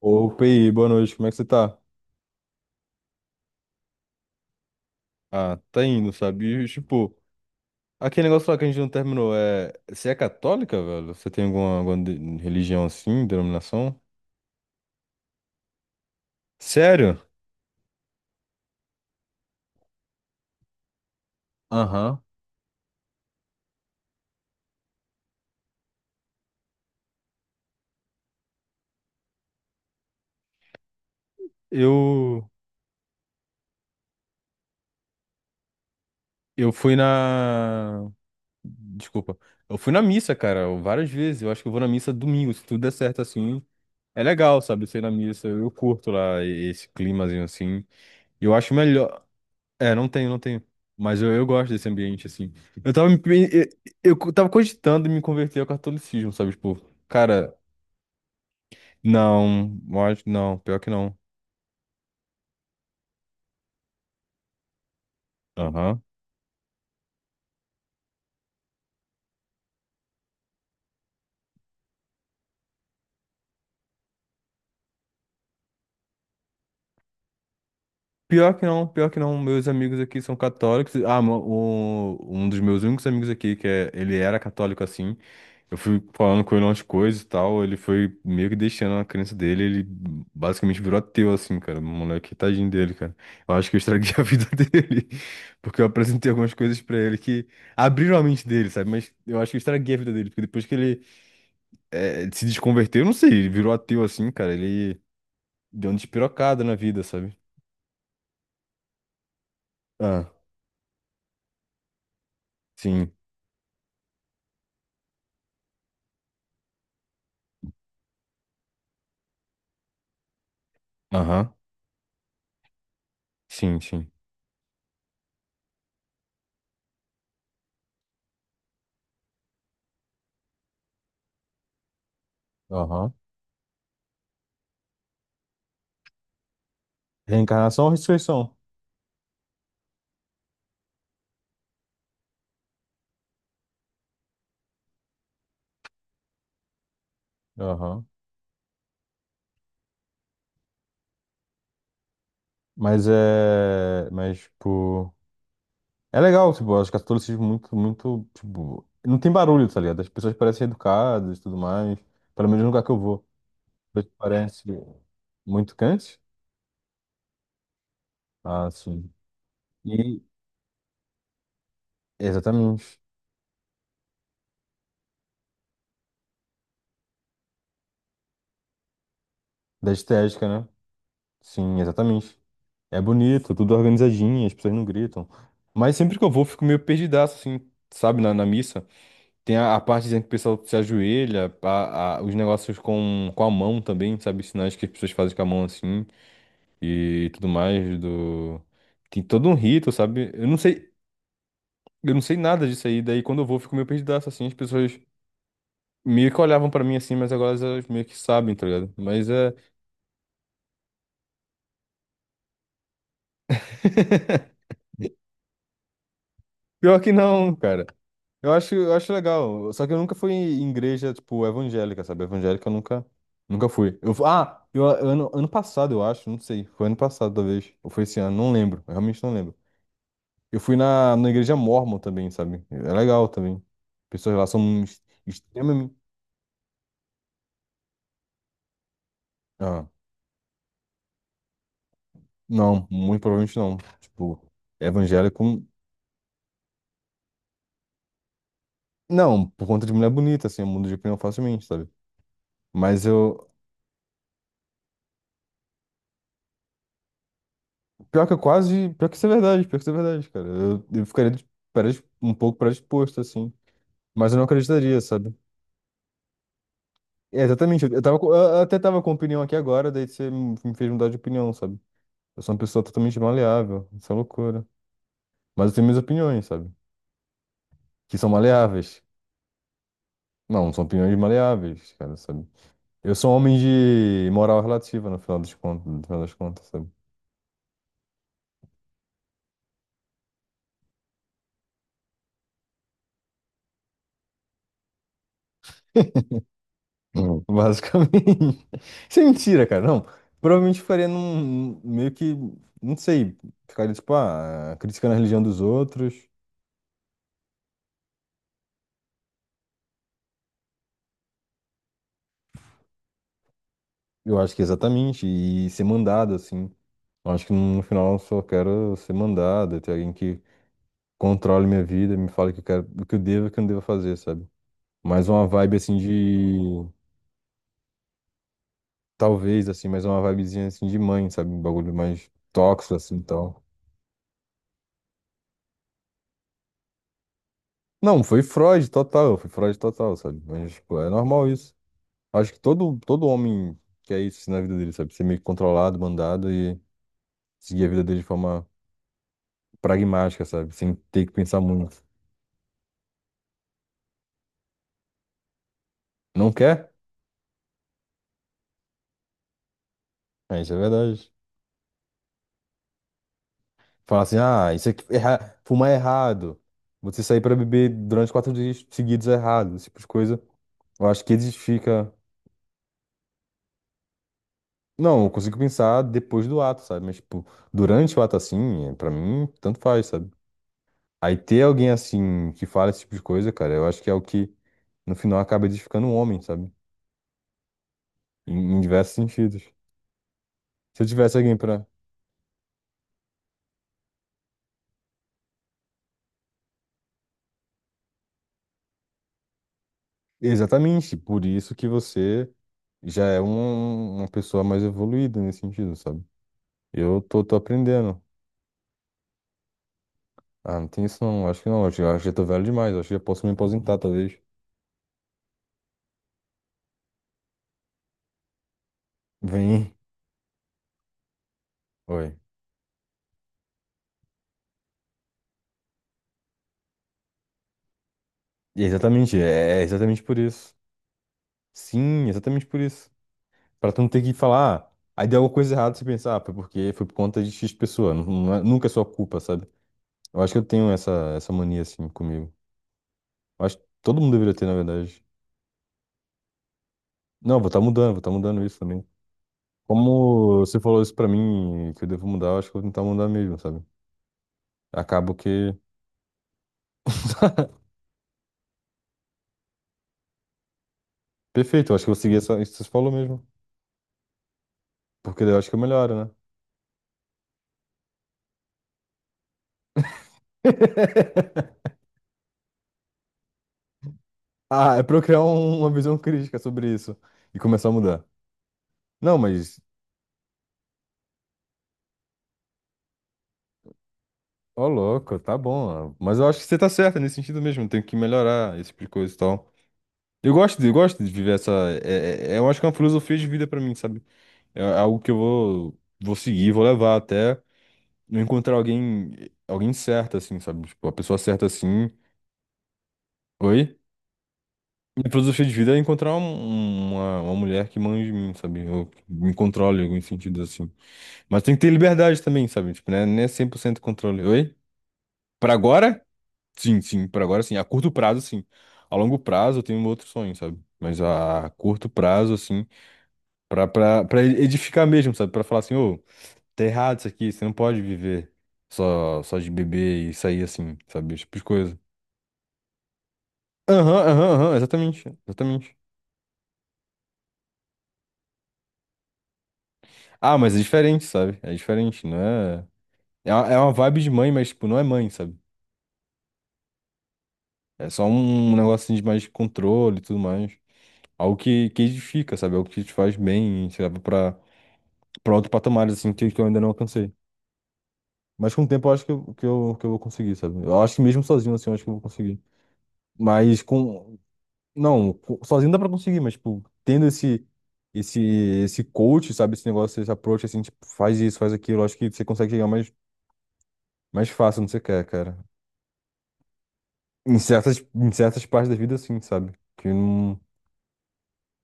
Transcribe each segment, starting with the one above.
Ô, PI, boa noite, como é que você tá? Ah, tá indo, sabe? E, tipo, aquele negócio lá que a gente não terminou. Você é católica, velho? Você tem alguma religião assim, denominação? Sério? Aham. Eu... Eu fui na... Desculpa. Eu fui na missa, cara, várias vezes. Eu acho que eu vou na missa domingo, se tudo der certo assim. É legal, sabe? Ser na missa, eu curto lá esse climazinho assim. Eu acho melhor. É, não tenho, não tenho. Mas eu gosto desse ambiente, assim. Eu tava, me- me- eu tava cogitando em me converter ao catolicismo, sabe? Tipo, cara, não, não, pior que não. Aham. Pior que não, pior que não. Meus amigos aqui são católicos. Ah, um dos meus únicos amigos aqui, que é, ele era católico assim. Eu fui falando com ele umas coisas e tal. Ele foi meio que deixando a crença dele. Ele basicamente virou ateu, assim, cara. O moleque, tadinho dele, cara. Eu acho que eu estraguei a vida dele. Porque eu apresentei algumas coisas pra ele que abriram a mente dele, sabe? Mas eu acho que eu estraguei a vida dele. Porque depois que ele se desconverteu, eu não sei, ele virou ateu assim, cara. Ele deu uma despirocada na vida, sabe? Ah, sim. Aham. Sim, sim. Aham. Reencarnação ou ressurreição? Aham. Mas é. Mas, tipo. É legal, tipo, eu acho que o catolicismo é muito, muito, tipo. Não tem barulho, tá ligado? As pessoas parecem educadas e tudo mais. Pelo menos no lugar que eu vou. As pessoas parecem muito quentes. Ah, sim. E. Exatamente. Da estética, né? Sim, exatamente. É bonito, tudo organizadinho, as pessoas não gritam. Mas sempre que eu vou, eu fico meio perdidaço, assim, sabe, na missa. Tem a parte dizendo que o pessoal se ajoelha, os negócios com a mão também, sabe? Os sinais que as pessoas fazem com a mão assim e tudo mais do. Tem todo um rito, sabe? Eu não sei nada disso aí, daí quando eu vou eu fico meio perdidaço assim, as pessoas meio que olhavam pra mim assim, mas agora elas meio que sabem, tá ligado? Mas é pior que não, cara. Eu acho legal. Só que eu nunca fui em igreja, tipo, evangélica, sabe? Evangélica eu nunca fui. Eu, fu- ah, eu, ano, ano passado, eu acho, não sei. Foi ano passado, talvez. Ou foi esse ano, não lembro. Eu realmente não lembro. Eu fui na igreja Mórmon também, sabe? É legal também. Pessoas lá são extremamente. Ah, não, muito provavelmente não. Tipo, evangélico. Não, por conta de mulher bonita, assim, eu mudo de opinião facilmente, sabe? Mas eu, Pior que eu quase. Pior que isso é verdade, pior que isso é verdade, cara. Eu ficaria um pouco predisposto, assim. Mas eu não acreditaria, sabe? É, exatamente. Eu até tava com opinião aqui agora, daí você me fez mudar de opinião, sabe? Eu sou uma pessoa totalmente maleável. Isso é loucura. Mas eu tenho minhas opiniões, sabe? Que são maleáveis. Não, são opiniões maleáveis, cara, sabe? Eu sou um homem de moral relativa, no final das contas, no final das contas, sabe? Hum. Basicamente. Isso é mentira, cara. Não. Provavelmente eu ficaria num. Meio que. Não sei. Ficaria, tipo, ah, criticando a religião dos outros. Eu acho que é exatamente. E ser mandado, assim. Eu acho que no final eu só quero ser mandado. Ter alguém que controle minha vida, me fale o que eu quero, o que eu devo e o que eu não devo fazer, sabe? Mais uma vibe, assim, de. Talvez, assim, mais uma vibezinha, assim, de mãe, sabe? Um bagulho mais tóxico, assim, e tal. Não, foi Freud total, sabe? Mas, tipo, é normal isso. Acho que todo homem quer isso assim, na vida dele, sabe? Ser meio que controlado, mandado e seguir a vida dele de forma pragmática, sabe? Sem ter que pensar muito. Não quer? É, isso é verdade. Falar assim, ah, isso aqui, fumar é errado. Você sair pra beber durante 4 dias seguidos é errado. Esse tipo de coisa. Eu acho que edifica. Não, eu consigo pensar depois do ato, sabe? Mas, tipo, durante o ato assim, é, pra mim, tanto faz, sabe? Aí ter alguém assim que fala esse tipo de coisa, cara, eu acho que é o que no final acaba edificando um homem, sabe? Em diversos sentidos. Se eu tivesse alguém para. Exatamente, por isso que você já é uma pessoa mais evoluída nesse sentido, sabe? Eu tô aprendendo. Ah, não tem isso não, acho que não. Acho, acho que já tô velho demais, acho que já posso me aposentar, talvez. Vem. Oi. E exatamente, é exatamente por isso. Sim, exatamente por isso. Pra tu não ter que falar, ah, aí deu alguma coisa errada, você pensar, ah, foi porque foi por conta de X pessoa. Nunca é sua culpa, sabe? Eu acho que eu tenho essa mania assim comigo. Eu acho que todo mundo deveria ter, na verdade. Não, vou estar mudando isso também. Como você falou isso pra mim, que eu devo mudar, eu acho que eu vou tentar mudar mesmo, sabe? Acabo que. Perfeito, eu acho que eu vou seguir essa, isso que você falou mesmo. Porque daí eu acho que eu melhoro, né? Ah, é pra eu criar uma visão crítica sobre isso e começar a mudar. Não, mas, ó, louco, tá bom. Ó. Mas eu acho que você tá certa nesse sentido mesmo. Tenho que melhorar esse tipo de coisa e tal. Eu gosto, eu gosto de viver essa. É, é, eu acho que é uma filosofia de vida pra mim, sabe? É algo que eu vou seguir, vou levar até eu encontrar alguém, alguém certo, assim, sabe? Tipo, a pessoa certa, assim. Oi? Minha filosofia de vida é encontrar uma mulher que manja de mim, sabe? Eu me controle em algum sentido, assim. Mas tem que ter liberdade também, sabe? Tipo, né? Não é 100% controle. Oi? Pra agora? Sim, sim. Pra agora, sim. A curto prazo, sim. A longo prazo, eu tenho um outro sonho, sabe? Mas a curto prazo, assim, pra edificar mesmo, sabe? Pra falar assim, ô, tá errado isso aqui, você não pode viver só de beber e sair assim, sabe? Esse tipo de coisa. Aham, aham, aham, exatamente, exatamente. Ah, mas é diferente, sabe? É diferente, não é. É uma vibe de mãe, mas, tipo, não é mãe, sabe? É só um negócio assim, de mais controle e tudo mais. Algo que edifica, sabe? Algo que te faz bem, sei lá, pra outro patamar, assim, que eu ainda não alcancei. Mas com o tempo eu acho que eu vou conseguir, sabe? Eu acho que mesmo sozinho, assim, eu acho que eu vou conseguir. Mas com. Não, sozinho dá pra conseguir, mas, tipo, tendo esse esse coach, sabe, esse negócio, esse approach assim, tipo, faz isso, faz aquilo, eu acho que você consegue chegar mais fácil onde você quer, cara. Em certas partes da vida, assim, sabe? Que não.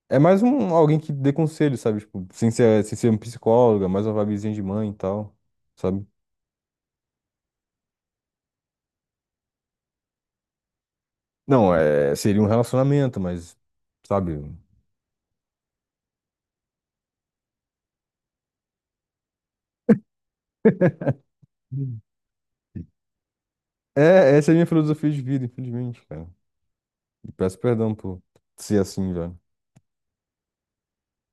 É mais um alguém que dê conselho, sabe? Tipo, sem ser um psicólogo, é mais uma vibezinha de mãe e tal, sabe? Não, é, seria um relacionamento, mas, sabe? Hum. É, essa é a minha filosofia de vida, infelizmente, cara. E peço perdão por ser assim, velho.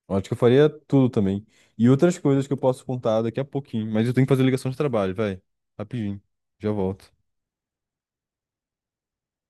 Eu acho que eu faria tudo também. E outras coisas que eu posso contar daqui a pouquinho, mas eu tenho que fazer ligação de trabalho, vai. Rapidinho. Já volto.